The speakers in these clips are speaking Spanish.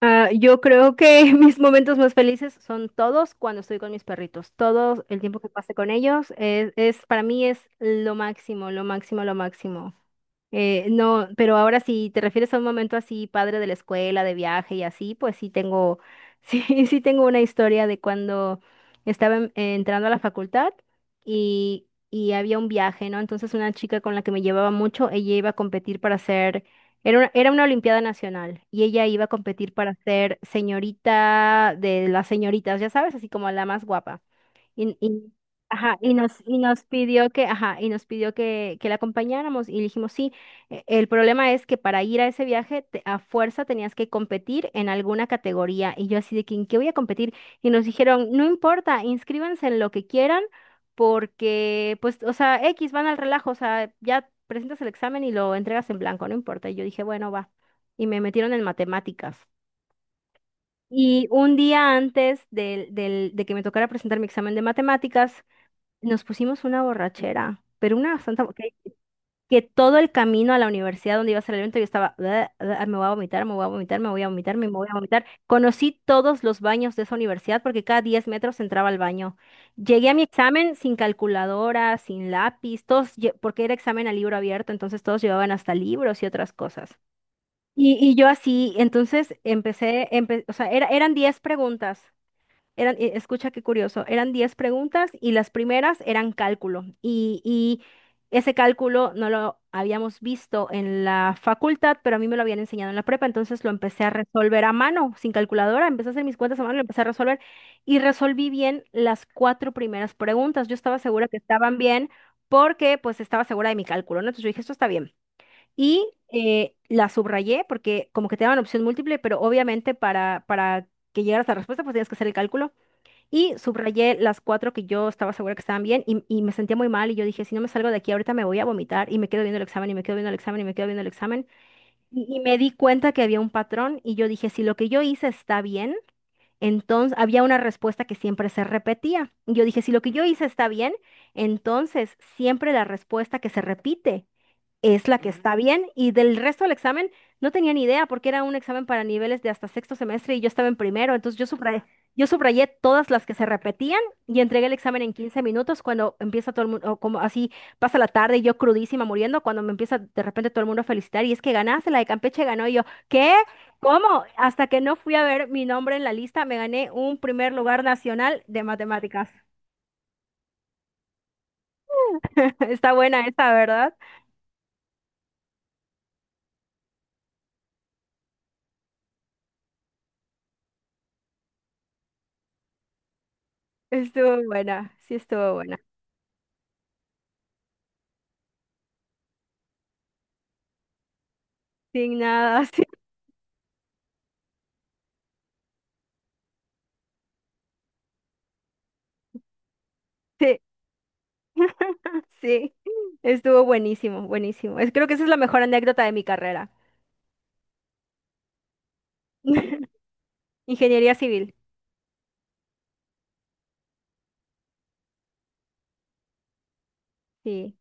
Ah, yo creo que mis momentos más felices son todos cuando estoy con mis perritos. Todo el tiempo que pase con ellos es para mí es lo máximo, lo máximo, lo máximo. No, pero ahora si te refieres a un momento así, padre de la escuela, de viaje y así, pues sí tengo, sí, sí tengo una historia de cuando estaba entrando a la facultad y había un viaje, ¿no? Entonces una chica con la que me llevaba mucho, ella iba a competir para ser era una, Olimpiada Nacional y ella iba a competir para ser señorita de las señoritas, ya sabes, así como la más guapa. Y, y- ajá, y nos pidió que, ajá, que la acompañáramos y dijimos, sí. El problema es que para ir a ese viaje a fuerza tenías que competir en alguna categoría y yo así de que, ¿en qué voy a competir? Y nos dijeron, no importa, inscríbanse en lo que quieran porque, pues, o sea, X van al relajo, o sea, ya presentas el examen y lo entregas en blanco, no importa. Y yo dije, bueno, va. Y me metieron en matemáticas. Y un día antes de que me tocara presentar mi examen de matemáticas, nos pusimos una borrachera, pero una bastante... Que todo el camino a la universidad donde iba a ser el evento yo estaba... "Bleh, bleh, me voy a vomitar, me voy a vomitar, me voy a vomitar, me voy a vomitar". Conocí todos los baños de esa universidad porque cada 10 metros entraba al baño. Llegué a mi examen sin calculadora, sin lápiz, porque era examen a libro abierto, entonces todos llevaban hasta libros y otras cosas. Y yo así, entonces o sea, eran 10 preguntas. Escucha qué curioso, eran 10 preguntas y las primeras eran cálculo. Y ese cálculo no lo habíamos visto en la facultad, pero a mí me lo habían enseñado en la prepa, entonces lo empecé a resolver a mano, sin calculadora, empecé a hacer mis cuentas a mano, lo empecé a resolver y resolví bien las cuatro primeras preguntas. Yo estaba segura que estaban bien porque pues estaba segura de mi cálculo, ¿no? Entonces yo dije, esto está bien. Y la subrayé porque como que te daban opción múltiple, pero obviamente para que llegaras a la respuesta pues tienes que hacer el cálculo. Y subrayé las cuatro que yo estaba segura que estaban bien y me sentía muy mal y yo dije, si no me salgo de aquí ahorita me voy a vomitar y me quedo viendo el examen y me quedo viendo el examen y me quedo viendo el examen. Y me di cuenta que había un patrón y yo dije, si lo que yo hice está bien, entonces había una respuesta que siempre se repetía. Y yo dije, si lo que yo hice está bien, entonces siempre la respuesta que se repite es la que está bien y del resto del examen no tenía ni idea porque era un examen para niveles de hasta sexto semestre y yo estaba en primero, entonces yo subrayé todas las que se repetían y entregué el examen en 15 minutos cuando empieza todo el mundo, como así pasa la tarde y yo crudísima muriendo, cuando me empieza de repente todo el mundo a felicitar y es que ganaste, la de Campeche ganó y yo, ¿qué? ¿Cómo? Hasta que no fui a ver mi nombre en la lista, me gané un primer lugar nacional de matemáticas. Está buena esta, ¿verdad? Estuvo buena, sí estuvo buena. Sin nada. Sí, sí, estuvo buenísimo, buenísimo. Creo que esa es la mejor anécdota de mi carrera. Ingeniería civil, sí.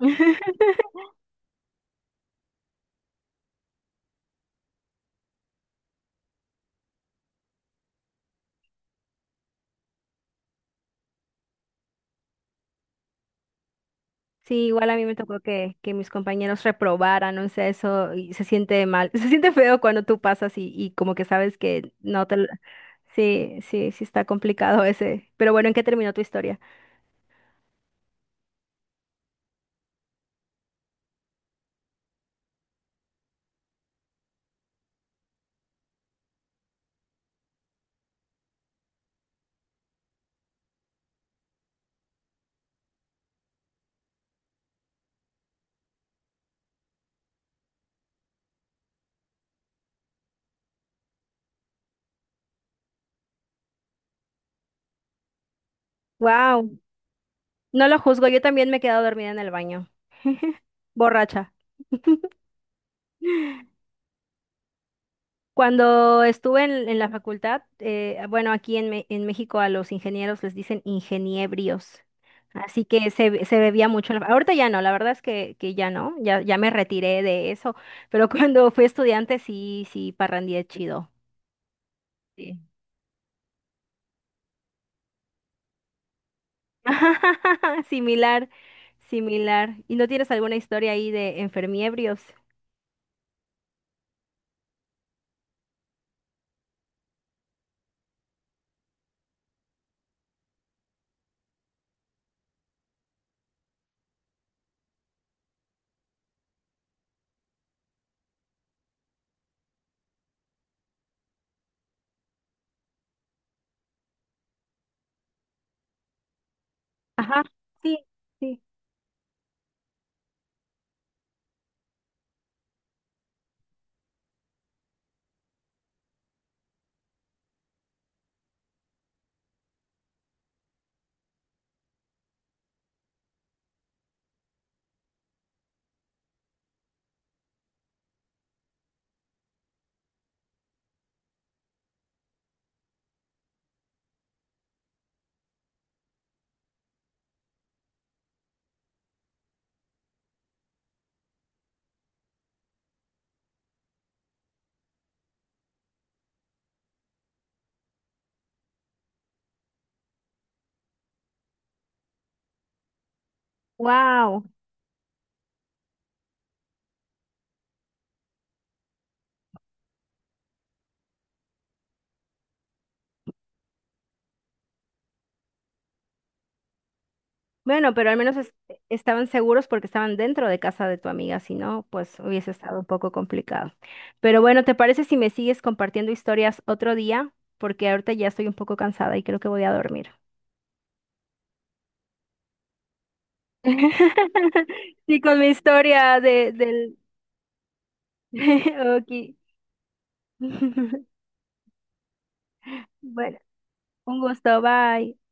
Sí, igual a mí me tocó que mis compañeros reprobaran, no sé, eso, y se siente mal, se siente feo cuando tú pasas y como que sabes que no te... lo- Sí, sí, sí está complicado ese. Pero bueno, ¿en qué terminó tu historia? Wow, no lo juzgo, yo también me he quedado dormida en el baño, borracha. Cuando estuve en la facultad, bueno, aquí en, en México a los ingenieros les dicen ingeniebrios. Así que se bebía mucho. Ahorita ya no, la verdad es que ya no, ya, ya me retiré de eso. Pero cuando fui estudiante sí, sí, parrandié chido. Sí. Similar, similar. ¿Y no tienes alguna historia ahí de enfermiebrios? Ajá, sí, sí. Wow. Bueno, pero al menos estaban seguros porque estaban dentro de casa de tu amiga, si no, pues hubiese estado un poco complicado. Pero bueno, ¿te parece si me sigues compartiendo historias otro día? Porque ahorita ya estoy un poco cansada y creo que voy a dormir. Sí, con mi historia de, del... Ok. Bueno, un gusto, bye.